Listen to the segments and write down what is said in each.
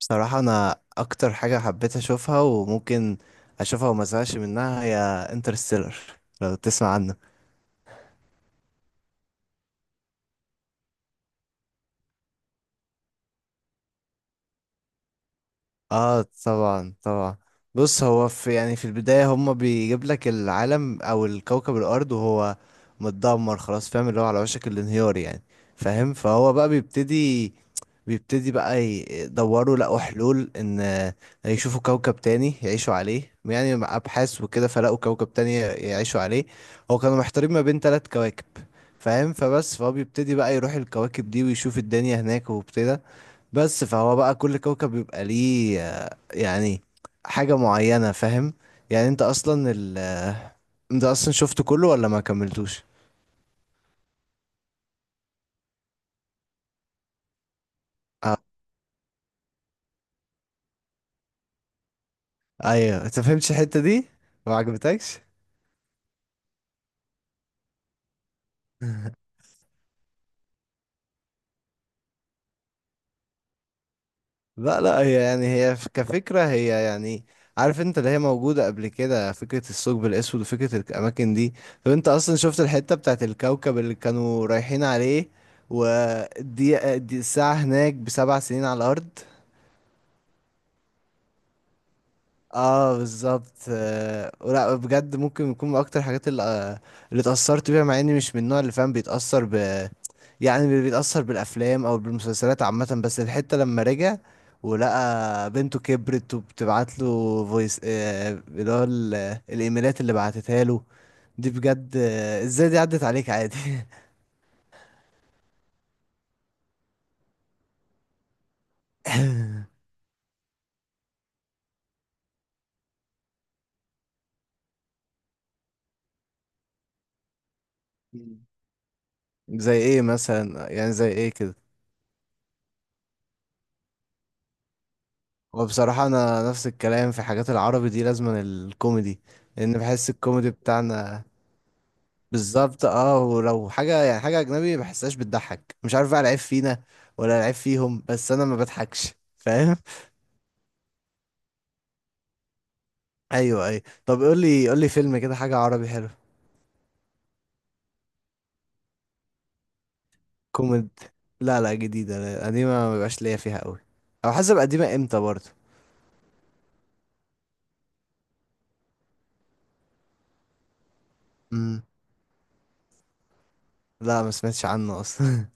بصراحة، أنا أكتر حاجة حبيت أشوفها وممكن أشوفها وما أزهقش منها هي انترستيلر. لو تسمع عنه؟ آه، طبعا طبعا. بص، هو في البداية هما بيجيب لك العالم أو الكوكب الأرض، وهو متدمر خلاص، فاهم؟ اللي هو على وشك الانهيار يعني. فاهم؟ فهو بقى بيبتدي بقى يدوروا، لقوا حلول ان يشوفوا كوكب تاني يعيشوا عليه يعني، مع ابحاث وكده، فلقوا كوكب تاني يعيشوا عليه. هو كانوا محتارين ما بين 3 كواكب، فاهم؟ فهو بيبتدي بقى يروح الكواكب دي ويشوف الدنيا هناك، وابتدى. بس فهو بقى كل كوكب بيبقى ليه يعني حاجة معينة، فاهم؟ يعني انت اصلا شفته كله ولا ما كملتوش؟ آه. ايوه، انت فهمتش الحتة دي؟ ما عجبتكش؟ لا، لا. هي يعني هي كفكرة، هي يعني، عارف انت، اللي هي موجودة قبل كده، فكرة الثقب الأسود وفكرة الأماكن دي. طب انت أصلا شفت الحتة بتاعت الكوكب اللي كانوا رايحين عليه؟ ودي الساعة هناك بـ7 سنين على الأرض. اه، بالظبط. ولا بجد ممكن يكون من اكتر الحاجات اللي اتأثرت بيها، مع اني مش من النوع اللي، فاهم، بيتأثر ب، يعني بيتأثر بالافلام او بالمسلسلات عامة. بس الحتة لما رجع ولقى بنته كبرت وبتبعت له فويس، اللي هو الايميلات اللي بعتتها له، دي بجد ازاي دي عدت عليك عادي؟ مم. زي ايه مثلا؟ يعني زي ايه كده؟ وبصراحة، أنا نفس الكلام في حاجات العربي دي، لازما الكوميدي، لأن بحس الكوميدي بتاعنا. بالظبط، ولو حاجة يعني حاجة أجنبي بحسهاش بتضحك، مش عارف بقى العيب فينا ولا العيب فيهم، بس أنا ما بضحكش فاهم؟ أيوه أيوه، طب قولي، قولي فيلم كده، حاجة عربي حلو. كوميد لا لا، جديدة. لا، قديمة ما بيبقاش ليا فيها أوي، أو حسب قديمة إمتى برضه. امم لا، ما سمعتش عنه أصلا.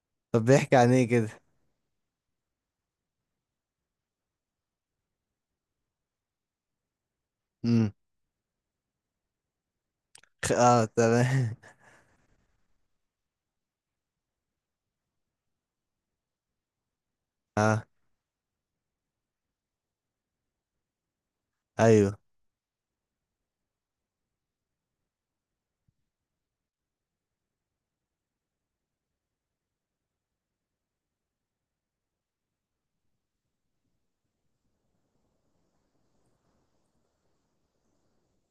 طب بيحكي عن إيه كده؟ امم اه، تمام. اه، أيوه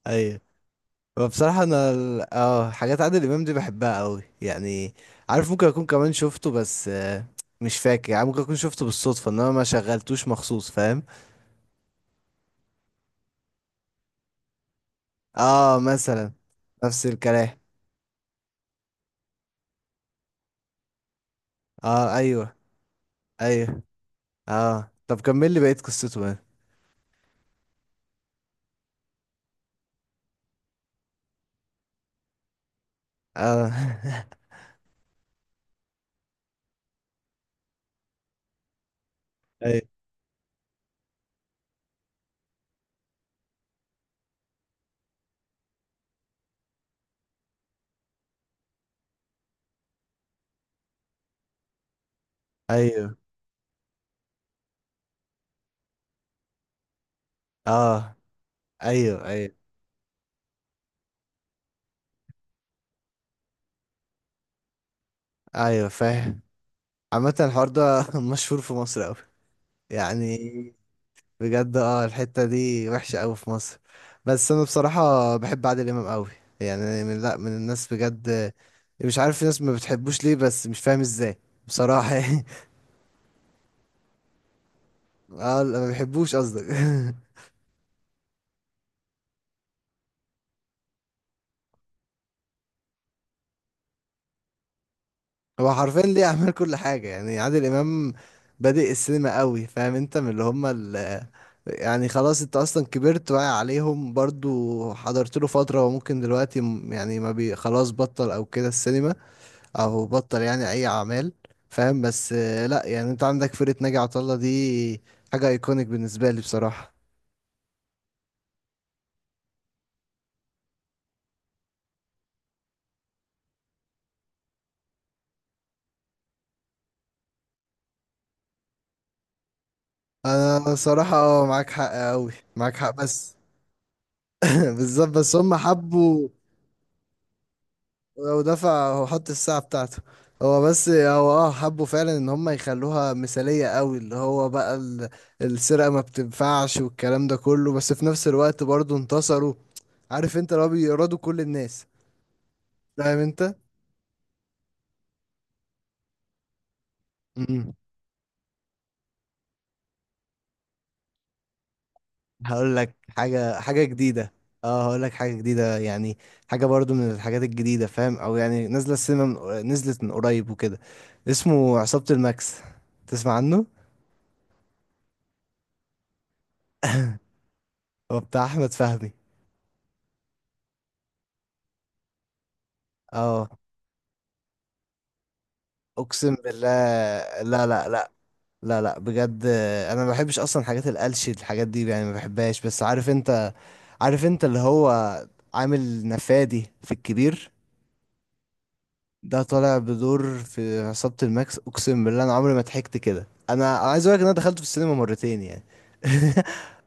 أيوه، هو بصراحة أنا حاجات عادل إمام دي بحبها أوي يعني. عارف، ممكن أكون كمان شفته، بس مش فاكر، يعني ممكن أكون شفته بالصدفة إنما ما شغلتوش مخصوص، فاهم؟ اه، مثلا. نفس الكلام. اه، أيوه أيوه، اه، طب كمل لي بقية قصته بقى. اه أيوه أيوه، اه، أيوه أيوه أيوه، فاهم؟ عامة الحوار ده مشهور في مصر أوي، يعني. بجد، الحتة دي وحشة قوي في مصر. بس انا بصراحة بحب عادل امام قوي، يعني من، لا، من الناس بجد. مش عارف في ناس ما بتحبوش ليه، بس مش فاهم ازاي، بصراحة يعني. اه، لا، ما بيحبوش قصدك هو حرفيا ليه اعمال كل حاجة يعني، عادل امام بادئ السينما قوي، فاهم انت؟ من اللي هم ال، يعني خلاص، انت اصلا كبرت واعي عليهم برضو، حضرت له فترة، وممكن دلوقتي يعني ما بي خلاص بطل او كده السينما، او بطل يعني اي اعمال، فاهم؟ بس لا يعني، انت عندك فرقة ناجي عطا الله دي، حاجة ايكونيك بالنسبة لي بصراحة. انا صراحة، معاك حق قوي، معاك حق، بس بالظبط. بس هم حبوا. لو دفع هو حط الساعة بتاعته. هو بس هو اه حبوا فعلا ان هم يخلوها مثالية قوي، اللي هو بقى السرقة ما بتنفعش والكلام ده كله، بس في نفس الوقت برضه انتصروا، عارف انت، اللي هو بيرادوا كل الناس، فاهم انت؟ هقول لك حاجة حاجة جديدة اه هقول لك حاجة جديدة يعني، حاجة برضو من الحاجات الجديدة، فاهم؟ او يعني نازلة السينما نزلت من قريب وكده. اسمه عصابة الماكس، تسمع عنه؟ هو بتاع احمد فهمي. اه، اقسم بالله. لا لا لا، لا لا، بجد انا ما بحبش اصلا حاجات القلش، الحاجات دي يعني ما بحبهاش، بس عارف انت اللي هو عامل نفادي في الكبير، ده طالع بدور في عصابة الماكس. اقسم بالله انا عمري ما ضحكت كده. انا أنا عايز اقول لك ان انا دخلت في السينما مرتين يعني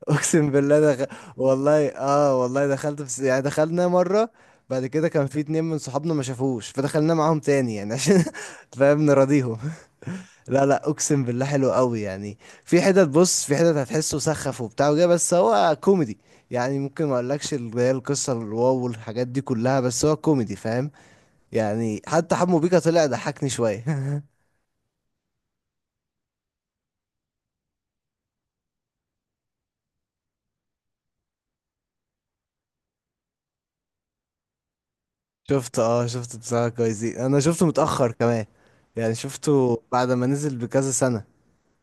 اقسم بالله والله، والله دخلت في يعني دخلنا مرة، بعد كده كان في اتنين من صحابنا ما شافوش فدخلنا معاهم تاني يعني، عشان فاهم، نراضيهم. لا لا، اقسم بالله حلو قوي يعني. في حتت بص في حتت هتحسه سخف وبتاع وجا، بس هو كوميدي يعني. ممكن ما اقولكش اللي هي القصة الواو والحاجات دي كلها، بس هو كوميدي، فاهم؟ يعني حتى حمو بيكا طلع ضحكني شوية شفت بصراحة كويسين. انا شفته متأخر كمان يعني، شفته بعد ما نزل بكذا سنة.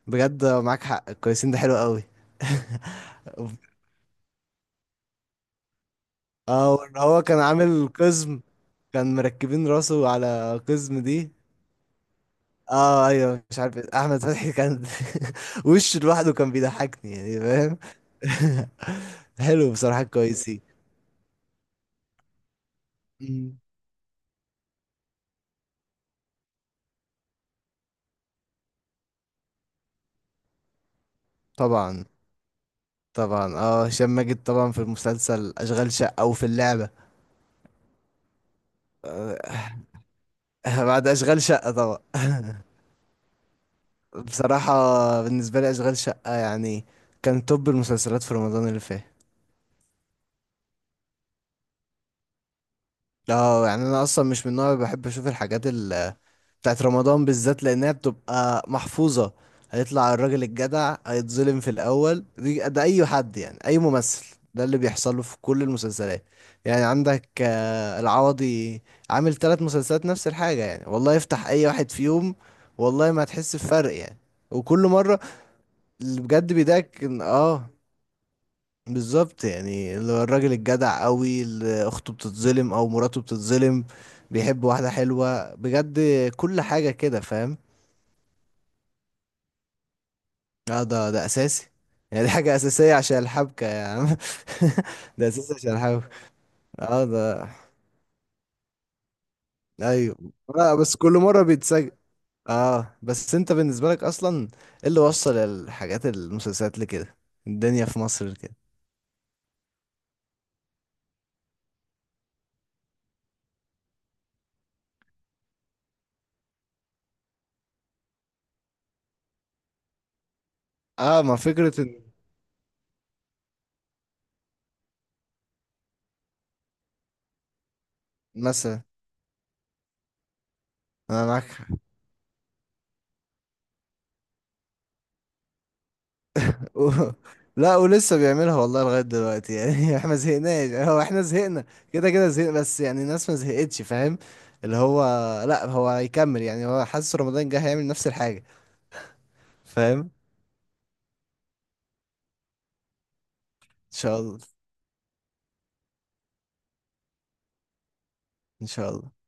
بجد معاك حق، كويسين ده حلو قوي اه، وإن هو كان عامل قزم، كان مركبين راسه على قزم دي. اه، ايوه، مش عارف إيه، احمد فتحي كان وشه لوحده كان بيضحكني يعني، فاهم؟ حلو بصراحة، كويسين. مم. طبعا، طبعا، اه، هشام ماجد طبعا في المسلسل اشغال شقة او في اللعبة. آه، بعد اشغال شقة طبعا بصراحة بالنسبة لي اشغال شقة يعني كان توب المسلسلات في رمضان اللي فات. اه، يعني انا اصلا مش من النوع اللي بحب اشوف الحاجات بتاعت رمضان، بالذات لانها بتبقى محفوظة. هيطلع الراجل الجدع هيتظلم في الاول، دي ده اي حد يعني، اي ممثل، ده اللي بيحصل له في كل المسلسلات. يعني عندك العوضي عامل 3 مسلسلات نفس الحاجة يعني، والله افتح اي واحد فيهم، والله ما هتحس بفرق يعني. وكل مرة اللي بجد بيضايقك ان بالظبط، يعني اللي هو الراجل الجدع قوي اللي اخته بتتظلم او مراته بتتظلم، بيحب واحدة حلوة، بجد كل حاجة كده، فاهم؟ اه، ده اساسي. يعني دي حاجة اساسية عشان الحبكة يا عم ده اساسي عشان الحبكة. اه، ده، ايوه. لا، بس كل مرة بيتسجل. اه، بس انت بالنسبة لك اصلا ايه اللي وصل المسلسلات لكده، الدنيا في مصر كده؟ اه، ما فكرة ان، مثلا، انا معاك حق. و- لا، ولسه بيعملها والله لغاية دلوقتي يعني احنا ما زهقناش، هو احنا زهقنا، كده كده زهقنا، بس يعني الناس ما زهقتش، فاهم؟ اللي هو، لا، هو هيكمل، يعني هو حاسس رمضان جه هيعمل نفس الحاجة، فاهم ان، شاء الله، ان شاء الله.